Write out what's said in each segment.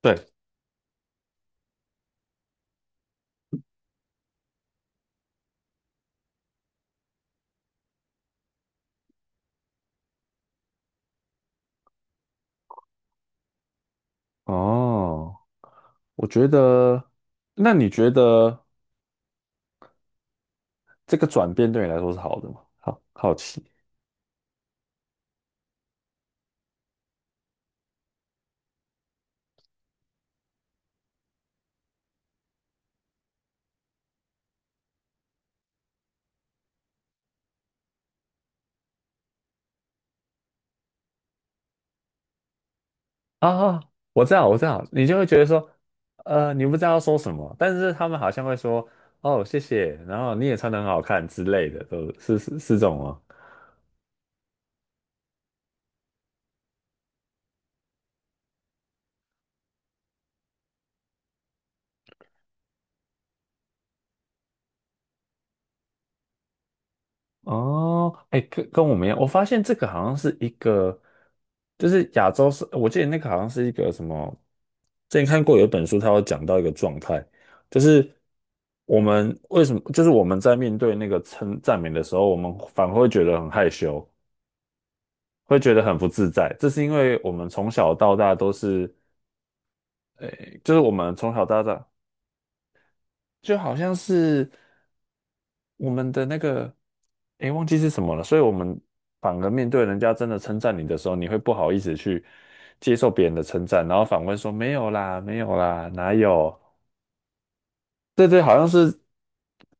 对。哦，我觉得，那你觉得这个转变对你来说是好的吗？好好奇。啊，我知道，我知道，你就会觉得说，你不知道要说什么，但是他们好像会说，哦，谢谢，然后你也穿得很好看之类的，都是是这种吗？哦，哎，跟我们一样，我发现这个好像是一个，就是亚洲是，我记得那个好像是一个什么，之前看过有一本书，它有讲到一个状态，就是我们为什么，就是我们在面对那个称赞美的时候，我们反而会觉得很害羞，会觉得很不自在，这是因为我们从小到大都是，哎，就是我们从小到大就好像是。我们的那个，诶，忘记是什么了，所以我们反而面对人家真的称赞你的时候，你会不好意思去接受别人的称赞，然后反问说没有啦，没有啦，哪有？对对，好像是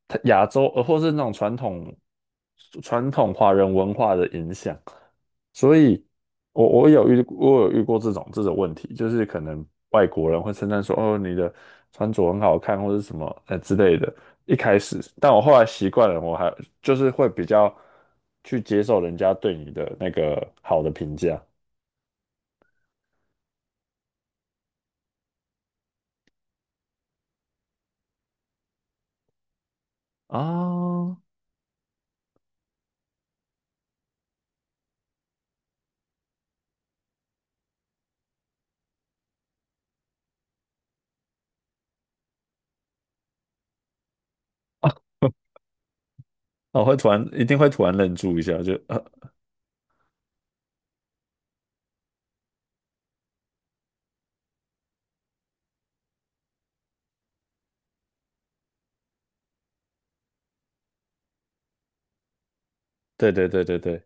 它亚洲，或是那种传统传统华人文化的影响，所以我有遇过这种这种问题，就是可能外国人会称赞说，哦，你的穿着很好看，或者什么之类的。一开始，但我后来习惯了，我还就是会比较去接受人家对你的那个好的评价。啊，哦，我会突然一定会突然愣住一下，就对对对对对。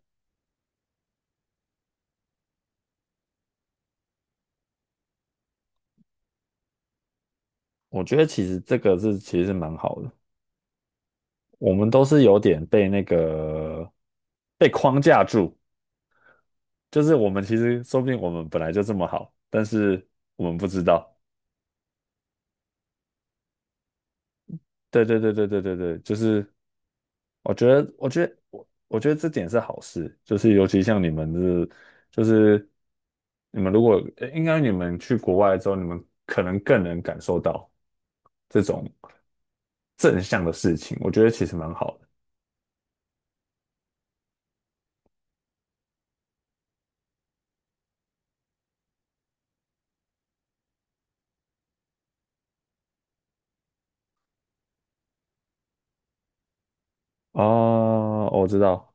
我觉得其实这个是其实是蛮好的，我们都是有点被那个被框架住，就是我们其实说不定我们本来就这么好，但是我们不知道。对对对对对对对，就是我觉得这点是好事，就是尤其像你们是就是你们如果应该你们去国外之后，你们可能更能感受到这种正向的事情，我觉得其实蛮好的。哦，我知道。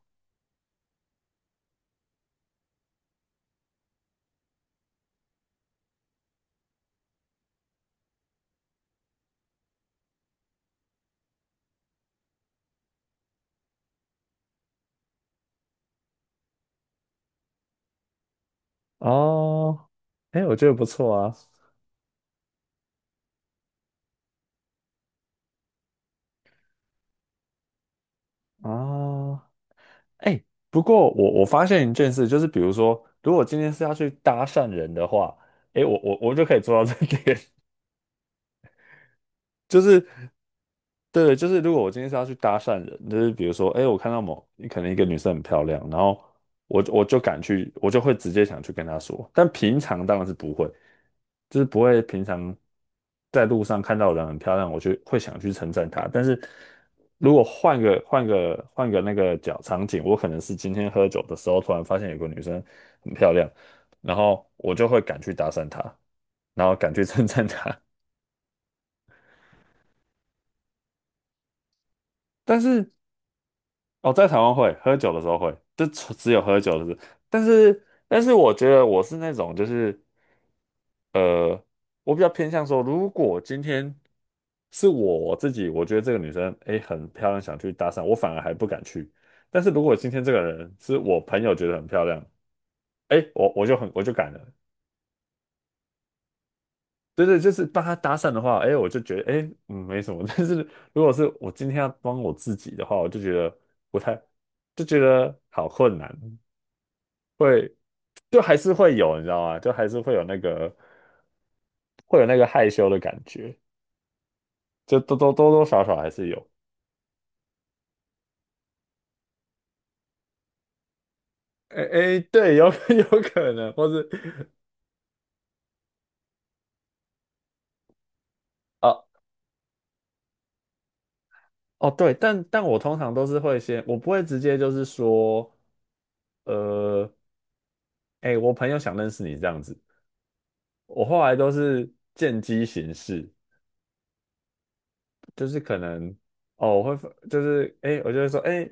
哦，哎，我觉得不错啊。啊，哎，不过我发现一件事，就是比如说，如果今天是要去搭讪人的话，哎，我就可以做到这点。就是对，就是如果我今天是要去搭讪人，就是比如说，哎，我看到某可能一个女生很漂亮，然后我就敢去，我就会直接想去跟她说，但平常当然是不会，就是不会平常在路上看到人很漂亮，我就会想去称赞她。但是如果换个那个角场景，我可能是今天喝酒的时候突然发现有个女生很漂亮，然后我就会敢去搭讪她，然后敢去 称赞她。但是哦，在台湾会喝酒的时候会，就只有喝酒的时候。但是，但是我觉得我是那种，就是呃，我比较偏向说，如果今天是我自己，我觉得这个女生诶很漂亮，想去搭讪，我反而还不敢去。但是如果今天这个人是我朋友觉得很漂亮，诶，我就敢了。对对，就是帮她搭讪的话，诶，我就觉得诶没什么。但是如果是我今天要帮我自己的话，我就觉得不太，就觉得好困难。会就还是会有，你知道吗？就还是会有那个会有那个害羞的感觉，就多多少少还是有。哎哎，对，有 有可能，或是啊。哦对，但但我通常都是会先，我不会直接就是说，呃，哎，我朋友想认识你这样子，我后来都是见机行事，就是可能哦，我会就是哎，我就会说哎，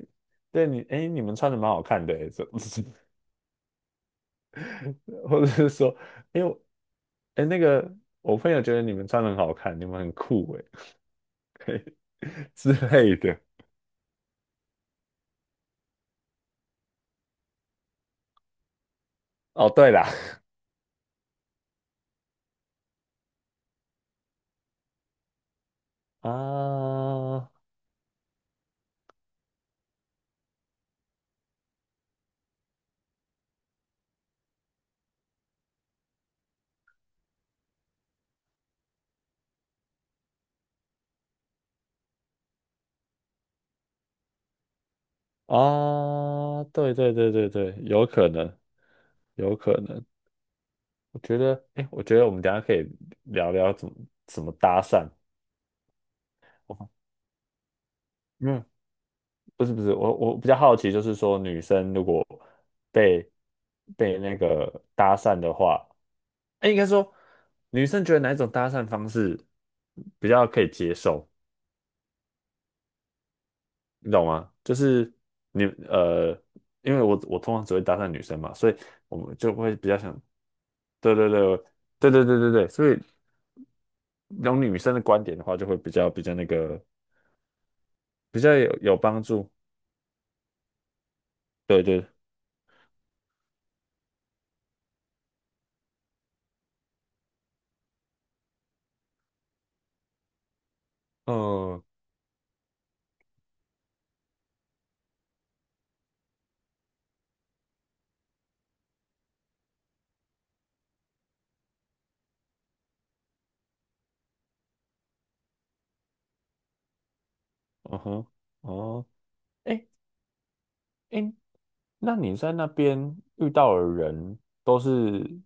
对你哎，你们穿的蛮好看的，这 或者是说，哎呦，哎那个我朋友觉得你们穿得很好看，你们很酷哎 之类的。哦，对啦。啊啊，对对对对对，有可能，有可能。我觉得，哎，我觉得我们等一下可以聊聊怎么搭讪。我嗯，不是不是，我比较好奇，就是说女生如果被被那个搭讪的话，哎，应该说，女生觉得哪一种搭讪方式比较可以接受，你懂吗？就是你因为我通常只会搭讪女生嘛，所以我们就会比较想，对对对对对对对对，所以用女生的观点的话，就会比较比较那个比较有有帮助。对对，嗯嗯哼，哦，哎哎，那你在那边遇到的人都是，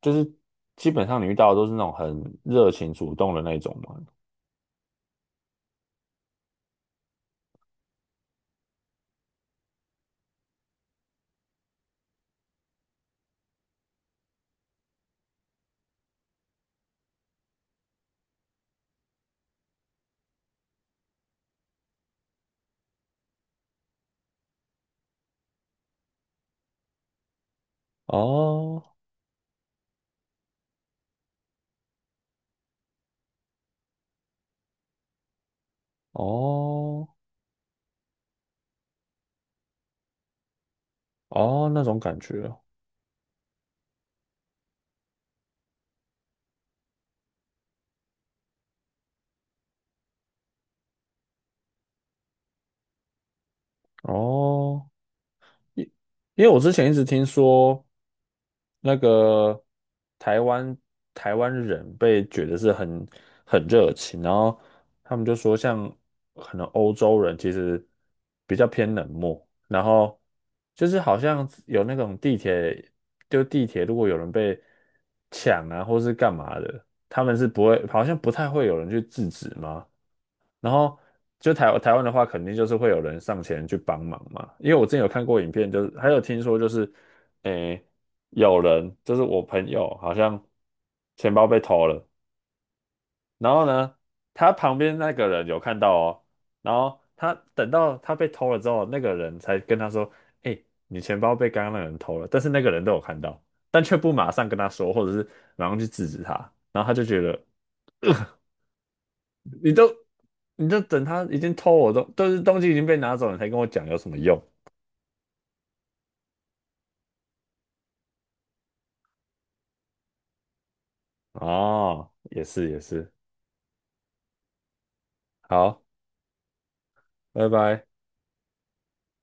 就是基本上你遇到的都是那种很热情主动的那种吗？哦哦哦，那种感觉哦。因因为我之前一直听说，那个台湾台湾人被觉得是很很热情，然后他们就说像可能欧洲人其实比较偏冷漠，然后就是好像有那种地铁，就地铁如果有人被抢啊或是干嘛的，他们是不会，好像不太会有人去制止吗？然后就台湾的话，肯定就是会有人上前去帮忙嘛。因为我之前有看过影片，就是还有听说就是，诶，有人就是我朋友好像钱包被偷了，然后呢，他旁边那个人有看到哦，然后他等到他被偷了之后，那个人才跟他说，诶，你钱包被刚刚那个人偷了，但是那个人都有看到，但却不马上跟他说，或者是马上去制止他，然后他就觉得你都你都等他已经偷我东，都是东西已经被拿走了，你才跟我讲有什么用？哦，也是也是。好，拜拜。